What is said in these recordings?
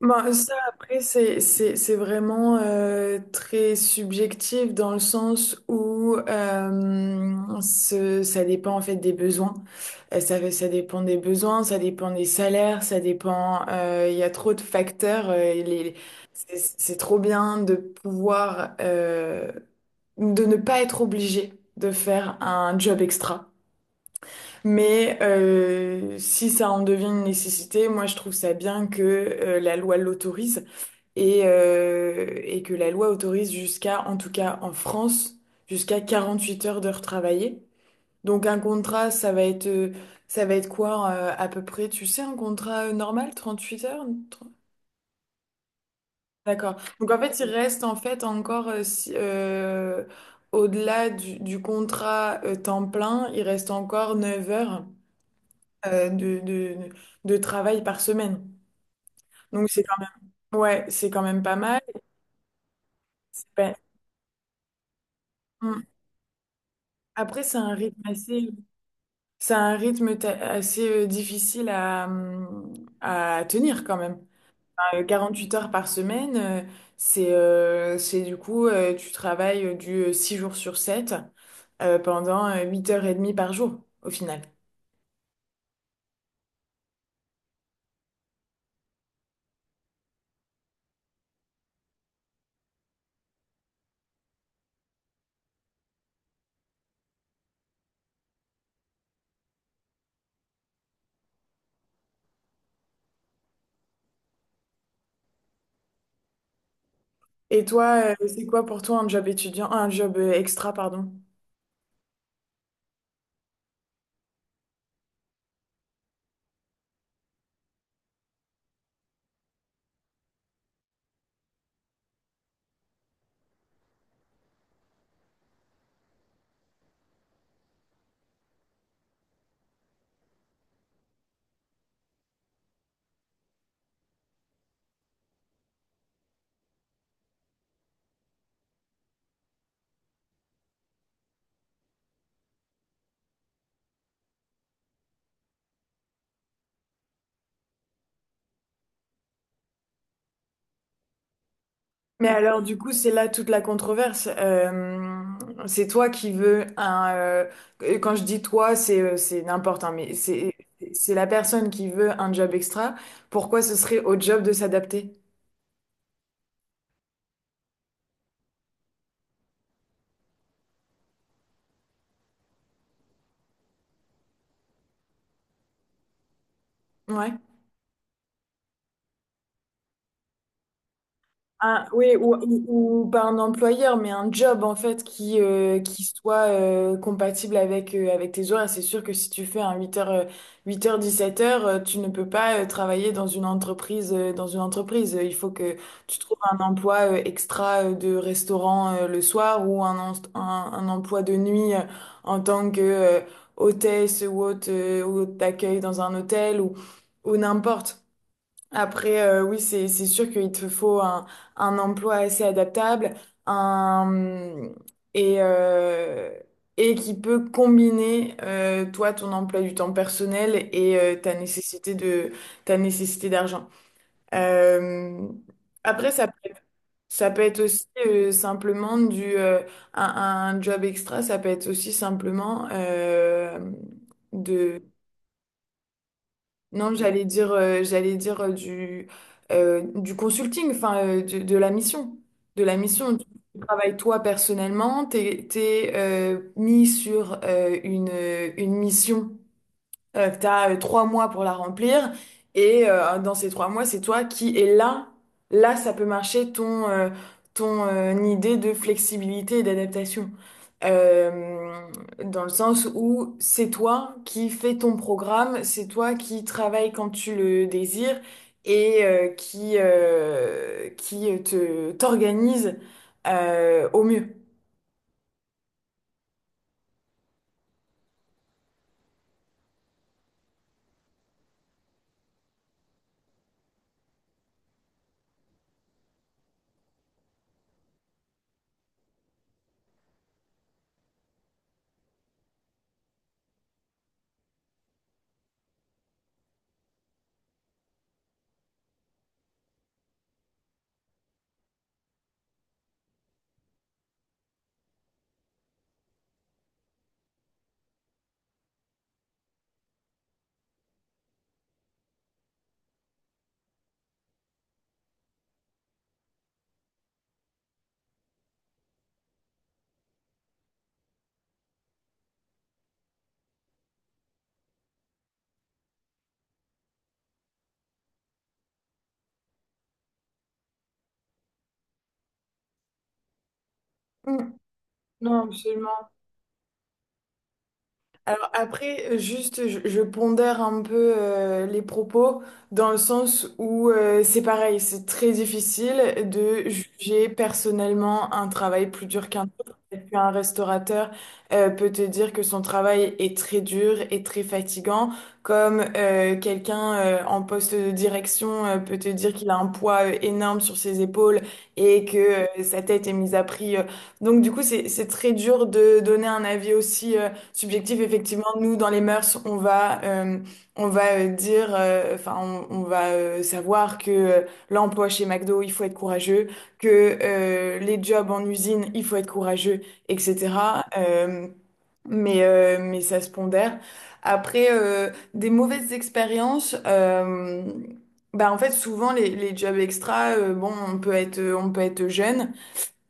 Ben, ça, après, c'est vraiment très subjectif dans le sens où ça dépend en fait des besoins. Ça dépend des besoins, ça dépend des salaires, ça dépend. Il y a trop de facteurs. C'est trop bien de pouvoir de ne pas être obligé de faire un job extra. Mais si ça en devient une nécessité, moi je trouve ça bien que la loi l'autorise et que la loi autorise jusqu'à, en tout cas en France, jusqu'à 48 heures de retravaillé. Donc un contrat, ça va être, quoi à peu près, tu sais, un contrat normal, 8 heures? D'accord. Donc en fait, il reste en fait encore, au-delà du contrat temps plein, il reste encore 9 heures euh, de, de, de travail par semaine. Donc c'est quand même, ouais, c'est quand même pas mal. C'est pas- Hmm. Après, c'est un rythme assez difficile à tenir quand même. Euh, 8 heures par semaine, c'est du coup, tu travailles du 6 jours sur 7 pendant 8 heures et demie par jour au final. Et toi, c'est quoi pour toi un job étudiant, un job extra, pardon? Mais alors, du coup, c'est là toute la controverse. C'est toi qui veux un. Et quand je dis toi, c'est n'importe, hein, mais c'est la personne qui veut un job extra. Pourquoi ce serait au job de s'adapter? Ouais. Ah, oui, ou pas un employeur, mais un job en fait qui soit compatible avec, avec tes horaires. C'est sûr que si tu fais un 8h, 8h, 17h, tu ne peux pas travailler dans une entreprise. Il faut que tu trouves un emploi extra de restaurant le soir ou un emploi de nuit en tant que hôtesse ou hôte, ou hôte d'accueil dans un hôtel ou n'importe. Après, oui, c'est sûr qu'il te faut un emploi assez adaptable, un et et qui peut combiner toi ton emploi du temps personnel et ta nécessité d'argent. Euh, Après, ça peut être aussi simplement du un job extra. Ça peut être aussi simplement de, non, j'allais dire du consulting, enfin, la mission. De la mission. Tu travailles toi personnellement, t'es mis sur une mission que tu as 3 mois pour la remplir. Et dans ces 3 mois, c'est toi qui est là. Là, ça peut marcher ton idée de flexibilité et d'adaptation. Euh, Dans le sens où c'est toi qui fais ton programme, c'est toi qui travaille quand tu le désires et t'organise au mieux. Mm. Non, absolument. Alors après, juste, je pondère un peu les propos dans le sens où c'est pareil, c'est très difficile de juger personnellement un travail plus dur qu'un autre. Peut-être qu'un restaurateur peut te dire que son travail est très dur et très fatigant, comme quelqu'un en poste de direction peut te dire qu'il a un poids énorme sur ses épaules et que sa tête est mise à prix. Donc du coup, c'est très dur de donner un avis aussi. Subjectif, effectivement, nous, dans les mœurs, on va dire, enfin, on va savoir que l'emploi chez McDo, il faut être courageux, que les jobs en usine, il faut être courageux, etc. Euh, mais ça se pondère. Après, des mauvaises expériences, bah, en fait, souvent, les jobs extra, bon, on peut être jeune.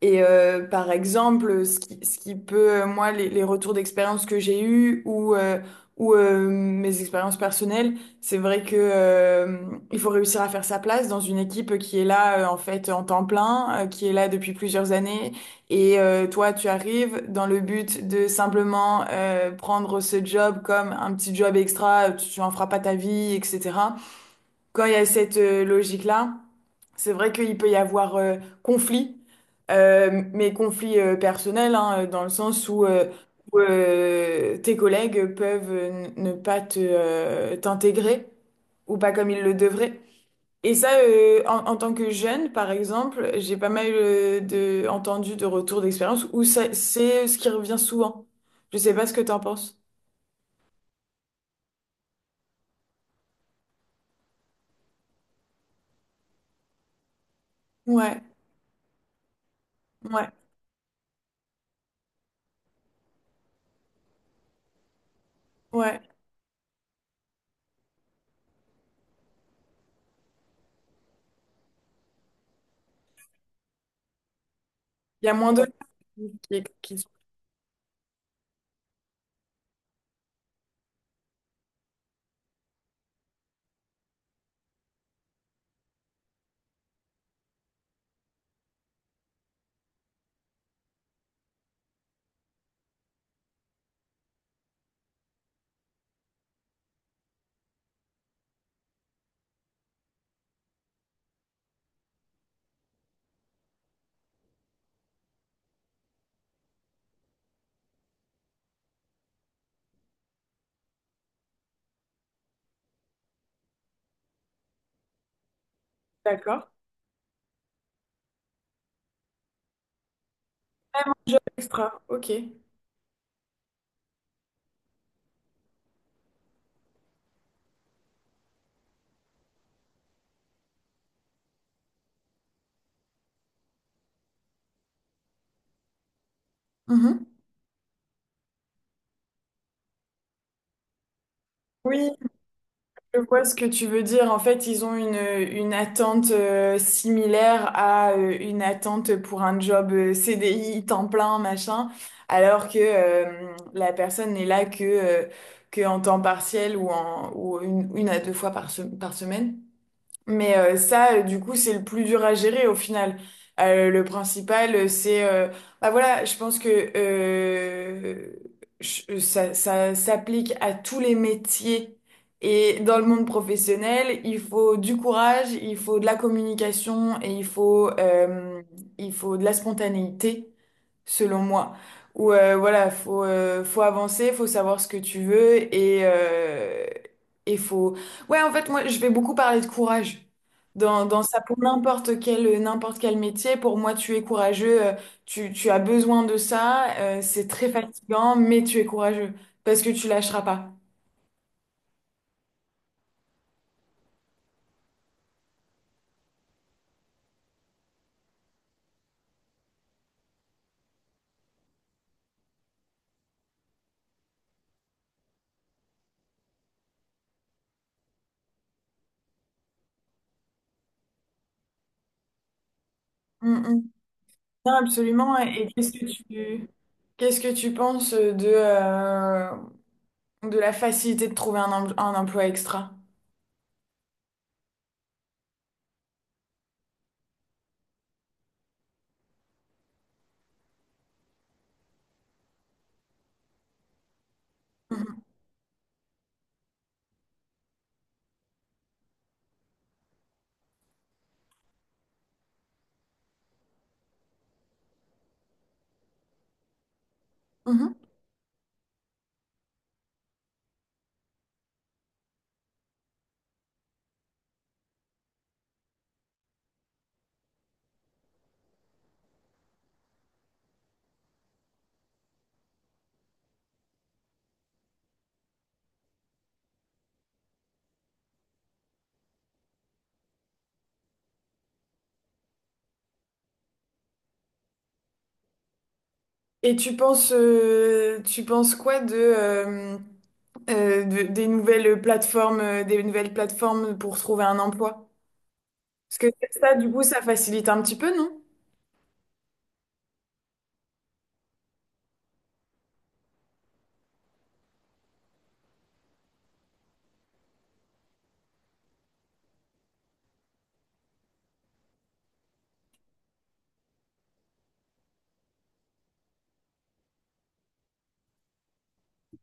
Et par exemple, moi, les retours d'expérience que j'ai eus ou mes expériences personnelles, c'est vrai que il faut réussir à faire sa place dans une équipe qui est là, en fait, en temps plein, qui est là depuis plusieurs années. Et toi, tu arrives dans le but de simplement prendre ce job comme un petit job extra, tu en feras pas ta vie, etc. Quand il y a cette logique-là, c'est vrai qu'il peut y avoir conflit, mais conflit personnel, hein, dans le sens où tes collègues peuvent ne pas te, t'intégrer ou pas comme ils le devraient. Et ça, en tant que jeune, par exemple, j'ai pas mal entendu de retours d'expérience c'est ce qui revient souvent. Je sais pas ce que t'en penses. Ouais, ouais, ouais. Il y a moins de... D'accord. Moins de jobs extra, ok. Mhm. Oui, je vois ce que tu veux dire. En fait, ils ont une attente similaire à une attente pour un job CDI, temps plein, machin, alors que la personne n'est là que en temps partiel ou une à deux fois par semaine. Mais ça, du coup, c'est le plus dur à gérer au final. Le principal, c'est... bah voilà, je pense que ça s'applique à tous les métiers. Et dans le monde professionnel, il faut du courage, il faut de la communication et il faut de la spontanéité selon moi. Où voilà, faut avancer, faut savoir ce que tu veux et faut. Ouais, en fait, moi, je vais beaucoup parler de courage. Dans ça, pour n'importe quel métier, pour moi, tu es courageux, tu as besoin de ça, c'est très fatigant, mais tu es courageux, parce que tu lâcheras pas. Mm, mm. Non, absolument. Et qu'est-ce que tu penses de la facilité de trouver un emploi extra? Mhm. Mhm. Et tu penses quoi de, des nouvelles plateformes pour trouver un emploi? Parce que ça, du coup, ça facilite un petit peu, non?